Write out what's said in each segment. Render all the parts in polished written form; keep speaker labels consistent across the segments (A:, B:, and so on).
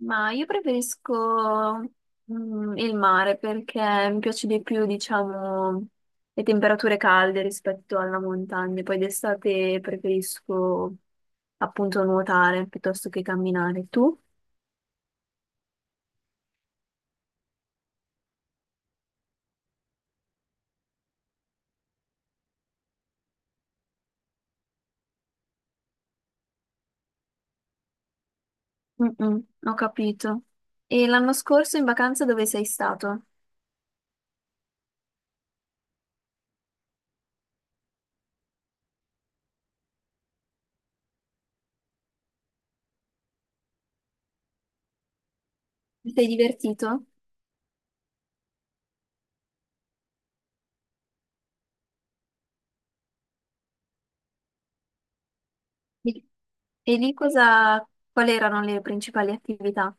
A: Ma io preferisco il mare perché mi piace di più, diciamo, le temperature calde rispetto alla montagna. Poi d'estate preferisco appunto nuotare piuttosto che camminare. Tu? Mm-mm, ho capito. E l'anno scorso in vacanza dove sei stato? Ti sei divertito? E e lì cosa, quali erano le principali attività?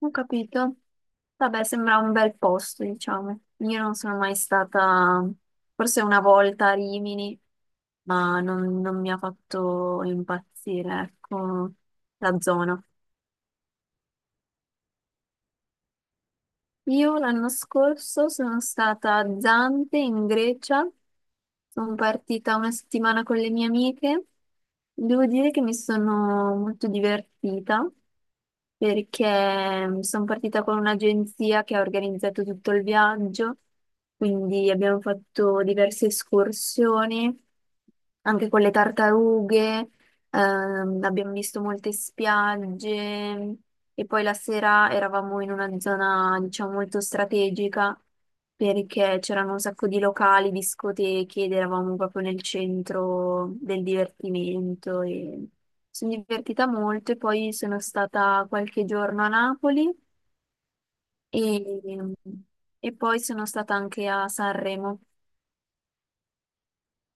A: Ho capito. Vabbè, sembra un bel posto, diciamo. Io non sono mai stata, forse una volta a Rimini, ma non mi ha fatto impazzire, ecco, la zona. Io l'anno scorso sono stata a Zante in Grecia, sono partita una settimana con le mie amiche. Devo dire che mi sono molto divertita perché sono partita con un'agenzia che ha organizzato tutto il viaggio, quindi abbiamo fatto diverse escursioni, anche con le tartarughe. Abbiamo visto molte spiagge e poi la sera eravamo in una zona, diciamo, molto strategica perché c'erano un sacco di locali, discoteche ed eravamo proprio nel centro del divertimento e sono divertita molto e poi sono stata qualche giorno a Napoli e, e poi sono stata anche a Sanremo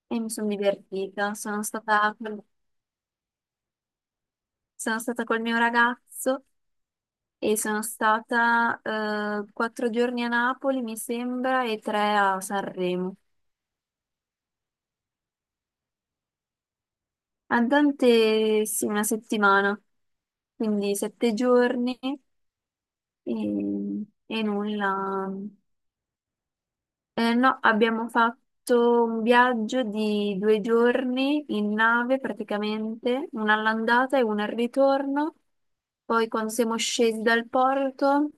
A: e mi sono divertita. Sono stata col mio ragazzo. E sono stata 4 giorni a Napoli, mi sembra, e tre a Sanremo. A Dante, sì, una settimana, quindi 7 giorni e nulla. No, abbiamo fatto un viaggio di 2 giorni in nave praticamente, una all'andata e una al ritorno. Poi quando siamo scesi dal porto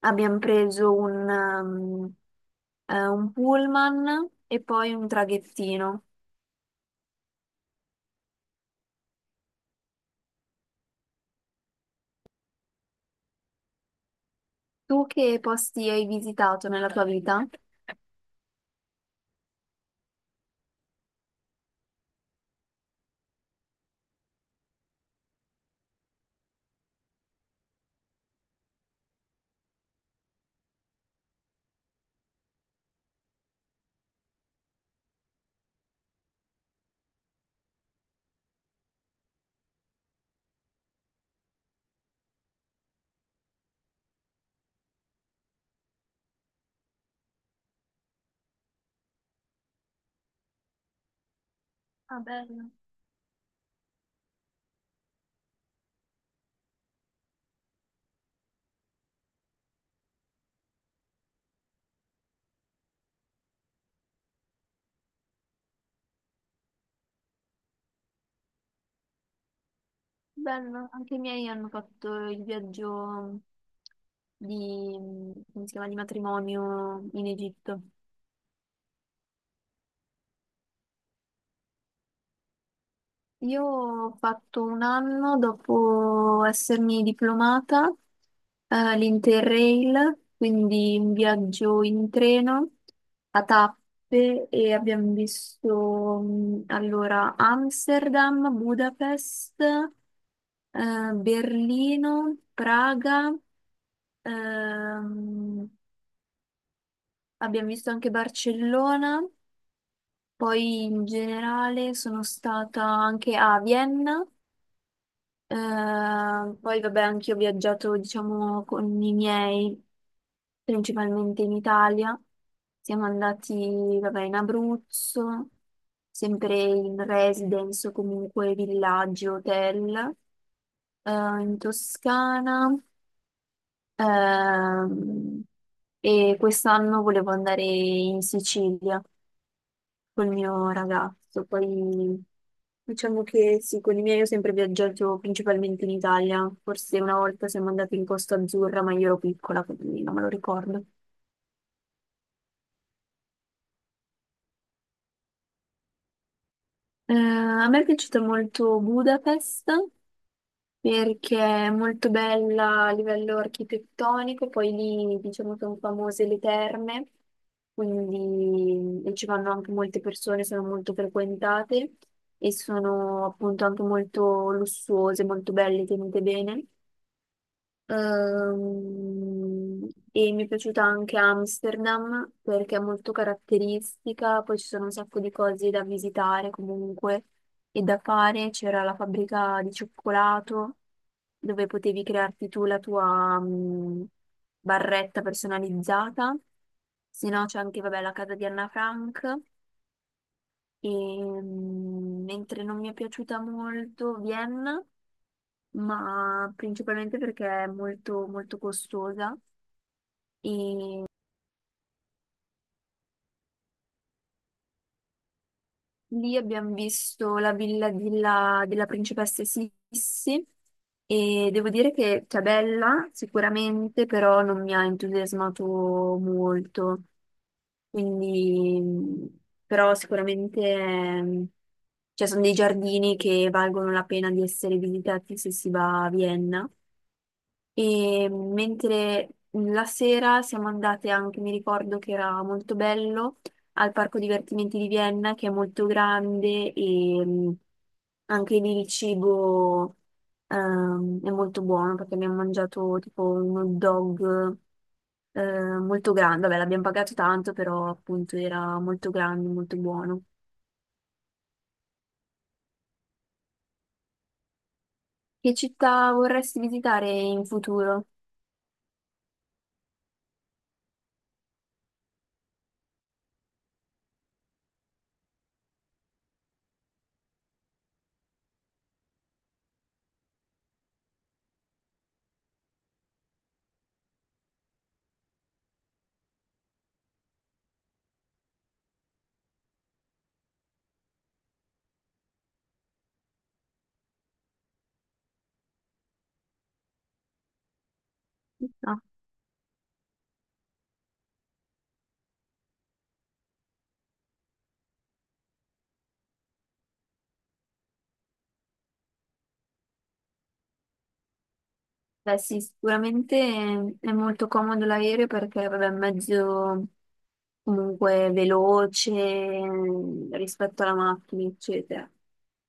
A: abbiamo preso un pullman e poi un traghettino. Tu che posti hai visitato nella tua vita? Ah, bello, bello. Anche i miei hanno fatto il viaggio di, come si chiama, di matrimonio in Egitto. Io ho fatto un anno dopo essermi diplomata l'Interrail, quindi un viaggio in treno a tappe e abbiamo visto allora Amsterdam, Budapest, Berlino, Praga, ehm, abbiamo visto anche Barcellona, poi in generale sono stata anche a Vienna. Eh, Poi vabbè, anche io ho viaggiato, diciamo, con i miei, principalmente in Italia. Siamo andati, vabbè, in Abruzzo, sempre in residence o comunque villaggi, hotel, eh, in Toscana. ehm, e quest'anno volevo andare in Sicilia col mio ragazzo. Poi diciamo che sì, con i miei ho sempre viaggiato principalmente in Italia. Forse una volta siamo andati in Costa Azzurra, ma io ero piccola, quindi non me lo ricordo. A me è piaciuta molto Budapest perché è molto bella a livello architettonico, poi lì diciamo sono famose le terme, quindi e ci vanno anche molte persone, sono molto frequentate e sono appunto anche molto lussuose, molto belle, tenute bene. Ehm, e mi è piaciuta anche Amsterdam perché è molto caratteristica, poi ci sono un sacco di cose da visitare comunque e da fare. C'era la fabbrica di cioccolato dove potevi crearti tu la tua barretta personalizzata. Se no c'è anche, vabbè, la casa di Anna Frank. Mentre non mi è piaciuta molto Vienna ma principalmente perché è molto, molto costosa. E lì abbiamo visto la villa della principessa Sissi e devo dire che è bella sicuramente, però non mi ha entusiasmato molto. Quindi, però sicuramente cioè, sono dei giardini che valgono la pena di essere visitati se si va a Vienna. E mentre la sera siamo andate anche, mi ricordo che era molto bello, al Parco Divertimenti di Vienna, che è molto grande e anche lì il cibo è molto buono perché abbiamo mangiato tipo un hot dog molto grande. Vabbè, l'abbiamo pagato tanto, però appunto era molto grande, molto buono. Che città vorresti visitare in futuro? No. Beh, sì, sicuramente è molto comodo l'aereo perché vabbè, è un mezzo comunque veloce rispetto alla macchina, eccetera.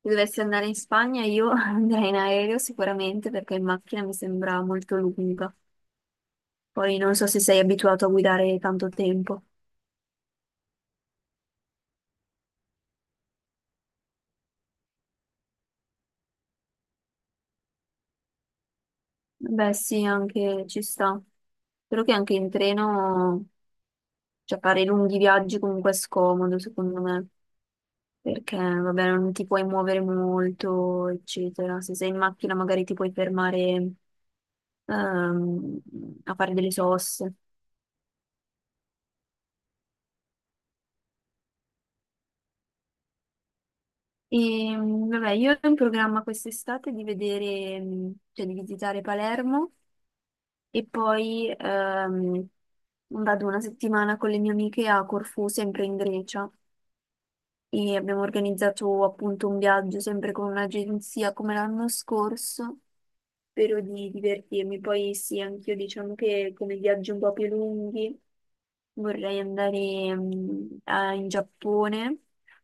A: Se dovessi andare in Spagna io andrei in aereo sicuramente perché in macchina mi sembra molto lunga. Poi non so se sei abituato a guidare tanto tempo. Beh, sì, anche ci sta. Spero che anche in treno, cioè fare lunghi viaggi comunque è scomodo, secondo me. Perché vabbè, non ti puoi muovere molto, eccetera. Se sei in macchina magari ti puoi fermare ehm, a fare delle soste. E vabbè, io ho in programma quest'estate di vedere, cioè di visitare Palermo e poi vado una settimana con le mie amiche a Corfù, sempre in Grecia. E abbiamo organizzato appunto un viaggio sempre con un'agenzia come l'anno scorso. Spero di divertirmi. Poi sì, anch'io diciamo che come viaggi un po' più lunghi vorrei andare in Giappone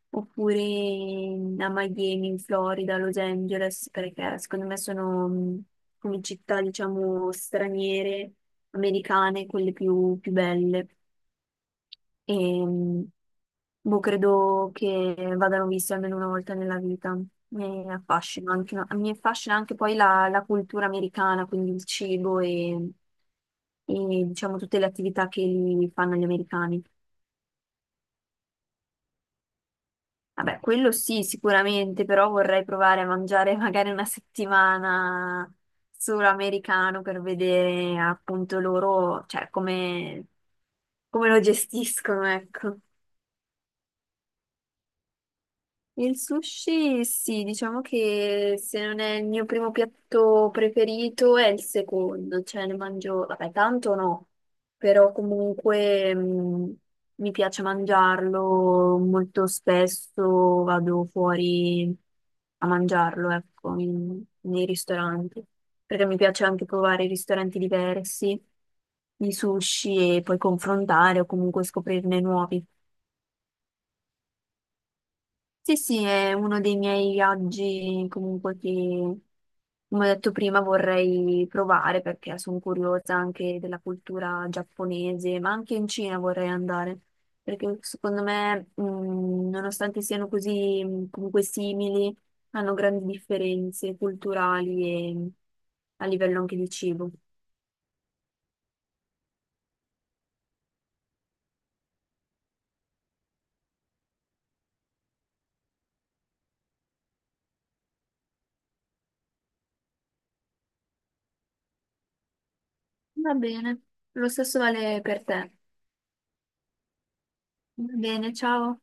A: oppure a Miami, in Florida, Los Angeles, perché secondo me sono come città, diciamo, straniere, americane, quelle più più belle. E mm, boh, credo che vadano visti almeno una volta nella vita. Mi affascina anche, no, mi affascina anche poi la cultura americana, quindi il cibo e, diciamo tutte le attività che li fanno gli americani. Vabbè, quello sì, sicuramente, però vorrei provare a mangiare magari una settimana solo americano per vedere appunto loro, cioè come lo gestiscono, ecco. Il sushi, sì, diciamo che se non è il mio primo piatto preferito è il secondo, cioè ne mangio, vabbè, tanto no, però comunque mi piace mangiarlo molto spesso, vado fuori a mangiarlo, ecco, nei ristoranti, perché mi piace anche provare ristoranti diversi di sushi e poi confrontare o comunque scoprirne nuovi. Sì, sì, è uno dei miei viaggi comunque che, come ho detto prima, vorrei provare perché sono curiosa anche della cultura giapponese, ma anche in Cina vorrei andare, perché secondo me, nonostante siano così comunque simili, hanno grandi differenze culturali e a livello anche di cibo. Va bene, lo stesso vale per te. Va bene, ciao.